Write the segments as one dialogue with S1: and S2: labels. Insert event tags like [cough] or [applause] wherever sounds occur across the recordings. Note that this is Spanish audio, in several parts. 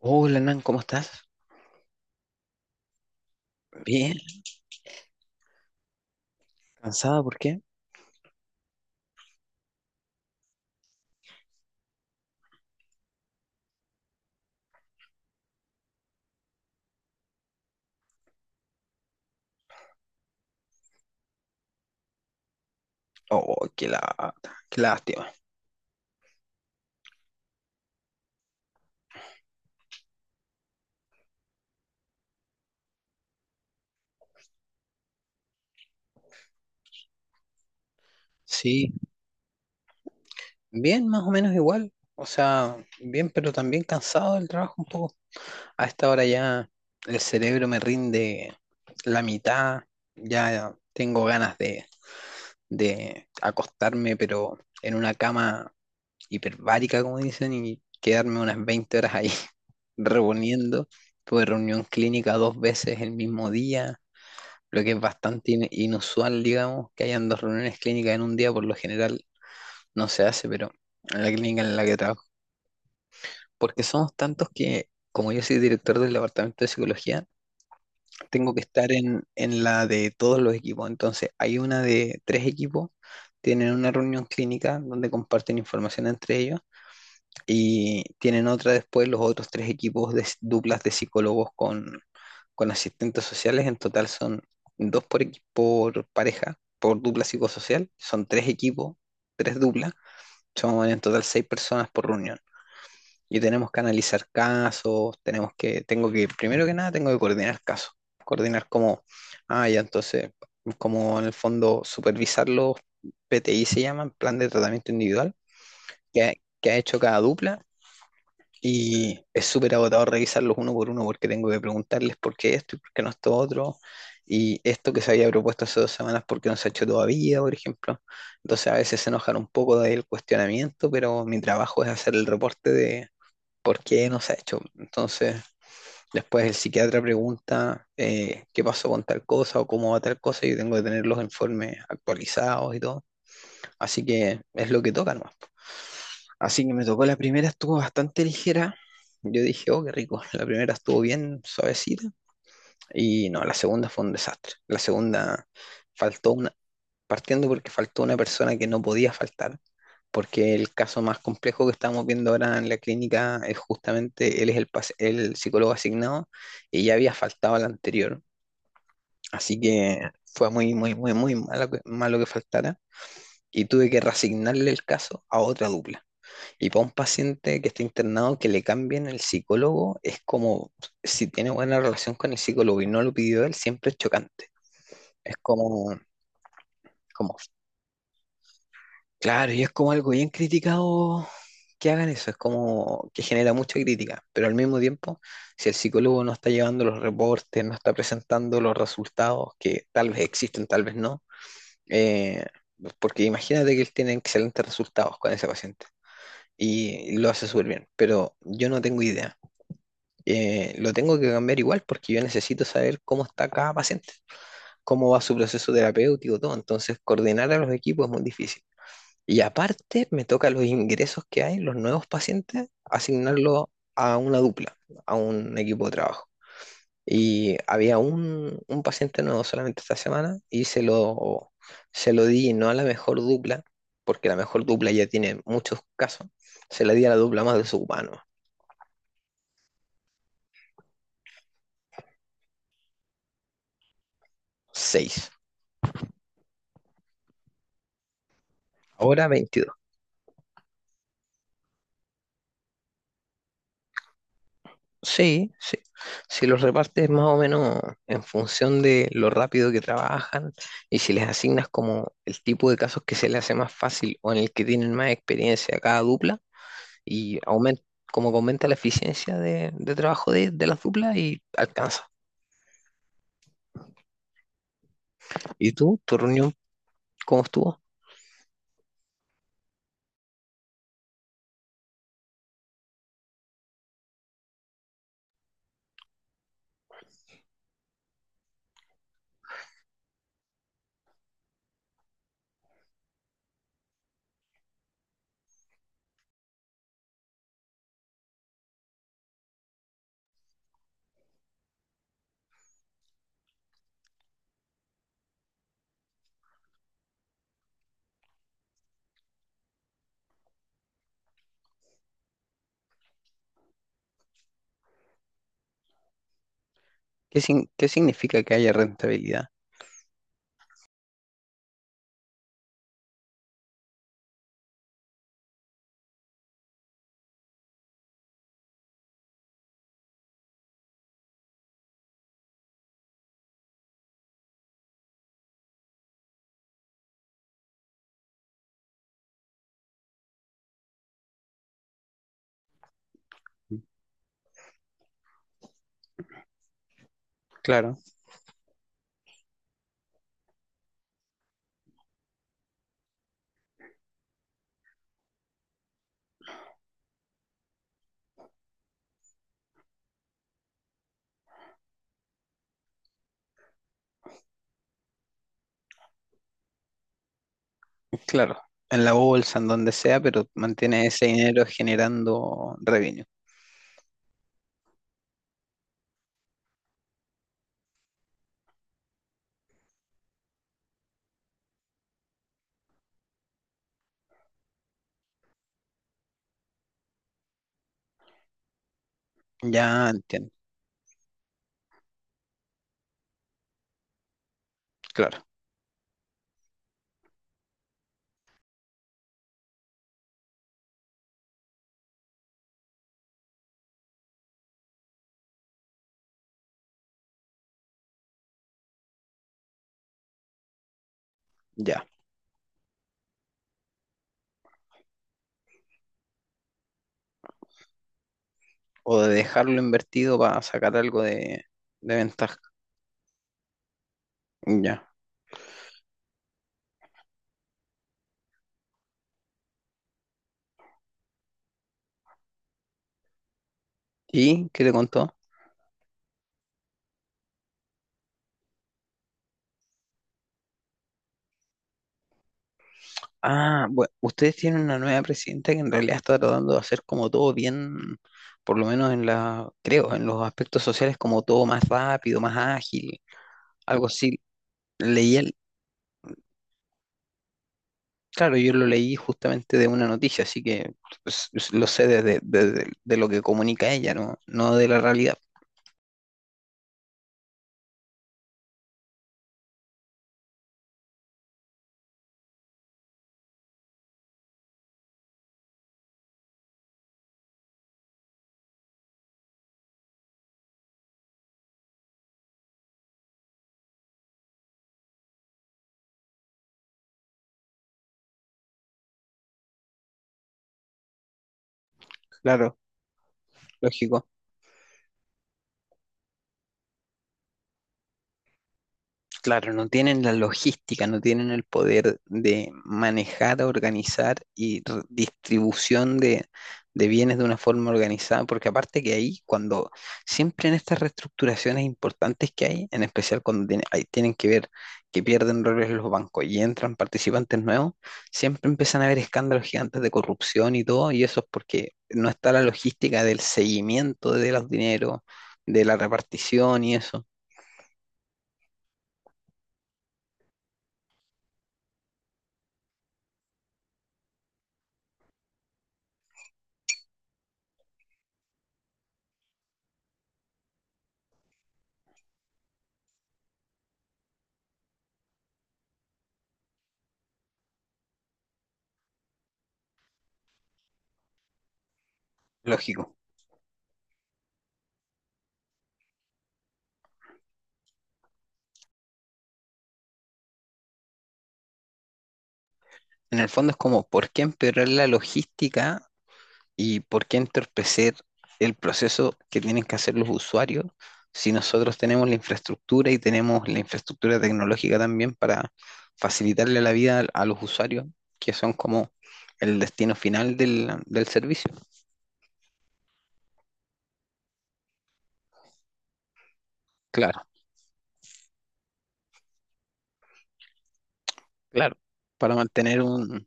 S1: Hola, Nan, ¿cómo estás? Bien, ¿cansada por qué? Oh, qué lástima. Sí, bien, más o menos igual. O sea, bien, pero también cansado del trabajo un poco. A esta hora ya el cerebro me rinde la mitad. Ya tengo ganas de acostarme, pero en una cama hiperbárica, como dicen, y quedarme unas 20 horas ahí [laughs] reponiendo. Tuve reunión clínica dos veces el mismo día, lo que es bastante inusual, digamos, que hayan dos reuniones clínicas en un día, por lo general no se hace, pero en la clínica en la que trabajo, porque somos tantos que, como yo soy director del departamento de psicología, tengo que estar en la de todos los equipos. Entonces hay una de tres equipos, tienen una reunión clínica donde comparten información entre ellos. Y tienen otra después los otros tres equipos de duplas de psicólogos con asistentes sociales. En total son dos por equipo, por pareja, por dupla psicosocial. Son tres equipos, tres duplas. Son en total seis personas por reunión. Y tenemos que analizar casos, tenemos que, tengo que, primero que nada, tengo que coordinar casos. Coordinar como, ah, ya entonces, como en el fondo supervisar los PTI se llaman, plan de tratamiento individual, que ha hecho cada dupla, y es súper agotador revisarlos uno por uno porque tengo que preguntarles por qué esto y por qué no esto otro. Y esto que se había propuesto hace 2 semanas, ¿por qué no se ha hecho todavía, por ejemplo? Entonces a veces se enojan un poco del cuestionamiento, pero mi trabajo es hacer el reporte de por qué no se ha hecho. Entonces después el psiquiatra pregunta qué pasó con tal cosa o cómo va tal cosa, y yo tengo que tener los informes actualizados y todo. Así que es lo que toca nomás. Así que me tocó la primera, estuvo bastante ligera. Yo dije, oh, qué rico. La primera estuvo bien suavecita. Y no, la segunda fue un desastre. La segunda faltó una, partiendo porque faltó una persona que no podía faltar, porque el caso más complejo que estamos viendo ahora en la clínica es justamente, él es el psicólogo asignado y ya había faltado al anterior. Así que fue muy, muy, muy, muy malo que faltara, y tuve que reasignarle el caso a otra dupla. Y para un paciente que está internado, que le cambien el psicólogo, es como si tiene buena relación con el psicólogo y no lo pidió él, siempre es chocante. Es como, claro, y es como algo bien criticado que hagan eso, es como que genera mucha crítica, pero al mismo tiempo, si el psicólogo no está llevando los reportes, no está presentando los resultados, que tal vez existen, tal vez no, eh, porque imagínate que él tiene excelentes resultados con ese paciente y lo hace súper bien, pero yo no tengo idea. Lo tengo que cambiar igual porque yo necesito saber cómo está cada paciente, cómo va su proceso terapéutico, todo. Entonces, coordinar a los equipos es muy difícil. Y aparte, me toca los ingresos que hay, los nuevos pacientes, asignarlos a una dupla, a un equipo de trabajo. Y había un paciente nuevo solamente esta semana, y se lo di no a la mejor dupla, porque la mejor dupla ya tiene muchos casos, se la di a la dupla más de su humano. seis. Ahora 22. Sí, sí. Si los repartes más o menos en función de lo rápido que trabajan y si les asignas como el tipo de casos que se les hace más fácil o en el que tienen más experiencia a cada dupla, y aumenta, como que aumenta la eficiencia de trabajo de las duplas y alcanza. ¿Y tú, tu reunión, cómo estuvo? ¿Qué, sin- qué significa que haya rentabilidad? Claro, claro. En la bolsa, en donde sea, pero mantiene ese dinero generando revenue. Ya entiendo, claro. Ya, o de dejarlo invertido para sacar algo de ventaja. Ya. ¿Y qué te contó? Ah, bueno, ustedes tienen una nueva presidenta que en realidad está tratando de hacer como todo bien, por lo menos en la, creo, en los aspectos sociales, como todo más rápido, más ágil, algo así. Leí el, claro, yo lo leí justamente de una noticia, así que pues, lo sé desde, de lo que comunica ella, ¿no? No de la realidad. Claro, lógico. Claro, no tienen la logística, no tienen el poder de manejar, organizar y distribución de bienes de una forma organizada, porque aparte que ahí, cuando siempre en estas reestructuraciones importantes que hay, en especial cuando ahí tienen que ver que pierden roles los bancos y entran participantes nuevos, siempre empiezan a haber escándalos gigantes de corrupción y todo, y eso es porque no está la logística del seguimiento de los dineros, de la repartición y eso. Lógico. En el fondo es como, ¿por qué empeorar la logística y por qué entorpecer el proceso que tienen que hacer los usuarios si nosotros tenemos la infraestructura, y tenemos la infraestructura tecnológica también para facilitarle la vida al- a los usuarios, que son como el destino final del, del servicio? Claro, claro. Para mantener un...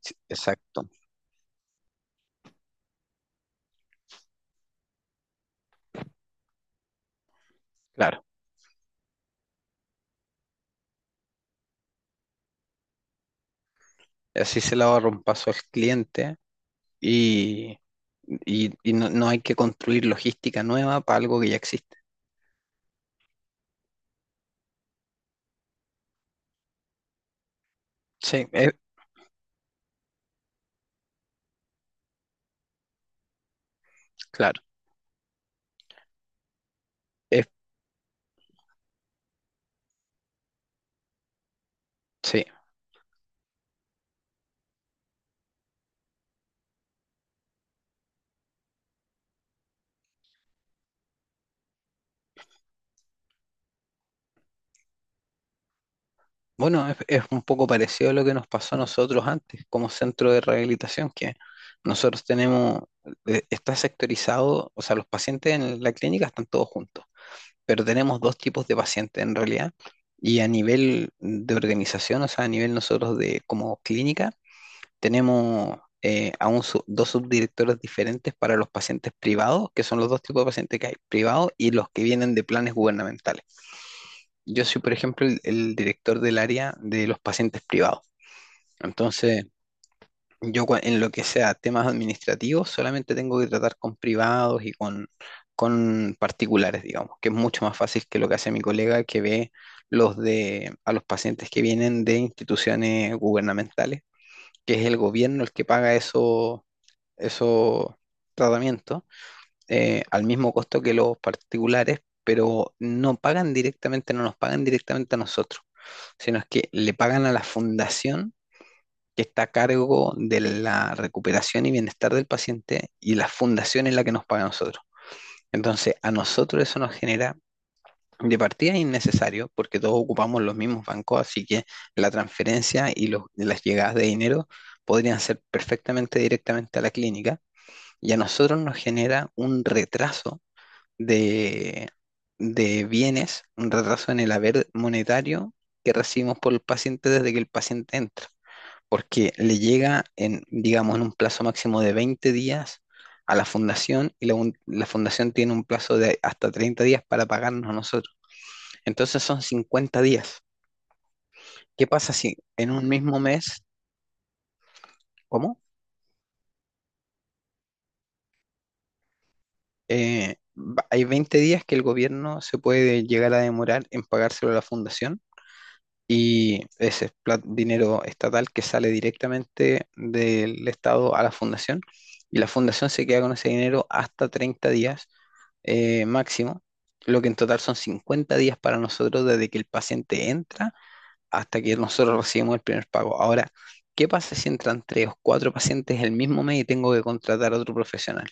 S1: sí, exacto, claro. Así se le ahorra un paso al cliente, y, y no hay que construir logística nueva para algo que ya existe. Sí, claro, es, sí. Bueno, es un poco parecido a lo que nos pasó a nosotros antes como centro de rehabilitación, que nosotros tenemos, está sectorizado, o sea, los pacientes en la clínica están todos juntos, pero tenemos dos tipos de pacientes en realidad, y a nivel de organización, o sea, a nivel nosotros de como clínica, tenemos dos subdirectores diferentes para los pacientes privados, que son los dos tipos de pacientes que hay, privados y los que vienen de planes gubernamentales. Yo soy, por ejemplo, el director del área de los pacientes privados. Entonces, yo en lo que sea temas administrativos, solamente tengo que tratar con privados y con particulares, digamos, que es mucho más fácil que lo que hace mi colega que ve los de, a los pacientes que vienen de instituciones gubernamentales, que es el gobierno el que paga esos tratamientos al mismo costo que los particulares, pero no pagan directamente, no nos pagan directamente a nosotros, sino es que le pagan a la fundación que está a cargo de la recuperación y bienestar del paciente, y la fundación es la que nos paga a nosotros. Entonces, a nosotros eso nos genera de partida innecesario porque todos ocupamos los mismos bancos, así que la transferencia y las llegadas de dinero podrían ser perfectamente directamente a la clínica, y a nosotros nos genera un retraso de, de bienes, un retraso en el haber monetario que recibimos por el paciente desde que el paciente entra, porque le llega en, digamos, en un plazo máximo de 20 días a la fundación, y la fundación tiene un plazo de hasta 30 días para pagarnos a nosotros. Entonces son 50 días. ¿Qué pasa si en un mismo mes, ¿cómo? Hay 20 días que el gobierno se puede llegar a demorar en pagárselo a la fundación. Y ese es dinero estatal que sale directamente del Estado a la fundación. Y la fundación se queda con ese dinero hasta 30 días máximo, lo que en total son 50 días para nosotros desde que el paciente entra hasta que nosotros recibimos el primer pago. Ahora, ¿qué pasa si entran tres o cuatro pacientes el mismo mes y tengo que contratar a otro profesional?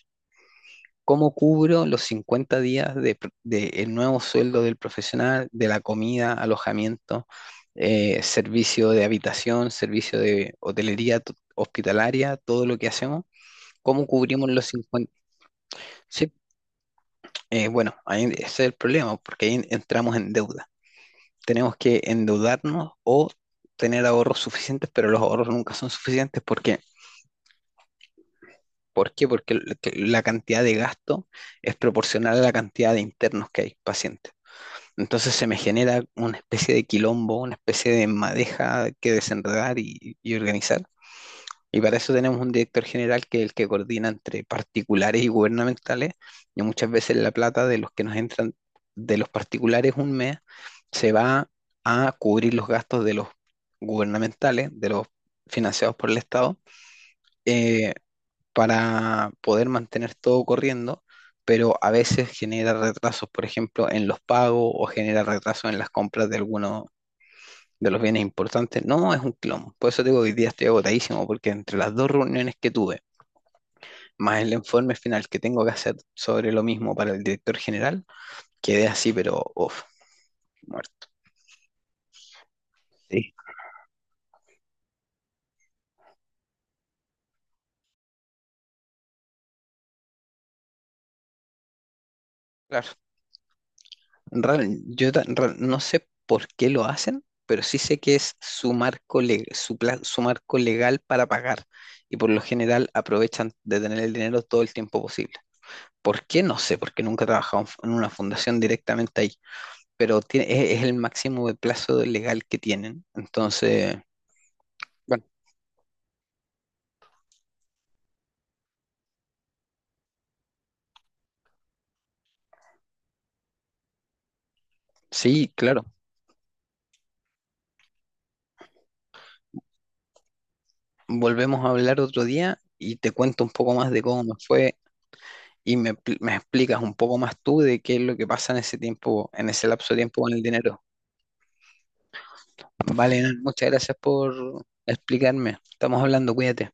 S1: ¿Cómo cubro los 50 días de, de el nuevo sueldo del profesional, de la comida, alojamiento, servicio de habitación, servicio de hotelería hospitalaria, todo lo que hacemos? ¿Cómo cubrimos los 50? Sí, bueno, ahí ese es el problema, porque ahí entramos en deuda. Tenemos que endeudarnos o tener ahorros suficientes, pero los ahorros nunca son suficientes porque... ¿Por qué? Porque que la cantidad de gasto es proporcional a la cantidad de internos que hay, pacientes. Entonces se me genera una especie de quilombo, una especie de madeja que desenredar y organizar. Y para eso tenemos un director general que es el que coordina entre particulares y gubernamentales. Y muchas veces la plata de los que nos entran de los particulares un mes se va a cubrir los gastos de los gubernamentales, de los financiados por el Estado, eh, para poder mantener todo corriendo, pero a veces genera retrasos, por ejemplo, en los pagos o genera retrasos en las compras de algunos de los bienes importantes. No, es un clon. Por eso te digo que hoy día estoy agotadísimo, porque entre las dos reuniones que tuve, más el informe final que tengo que hacer sobre lo mismo para el director general, quedé así, pero uff, muerto. Sí. Claro, no sé por qué lo hacen, pero sí sé que es su marco, le- su, pla- su marco legal para pagar, y por lo general aprovechan de tener el dinero todo el tiempo posible. ¿Por qué? No sé, porque nunca he trabajado en en una fundación directamente ahí, pero tiene- es el máximo de plazo legal que tienen. Entonces, bueno, sí, claro, volvemos a hablar otro día y te cuento un poco más de cómo me fue. Y me, me explicas un poco más tú de qué es lo que pasa en ese tiempo, en ese lapso de tiempo con el dinero. Vale, Nan, muchas gracias por explicarme. Estamos hablando, cuídate.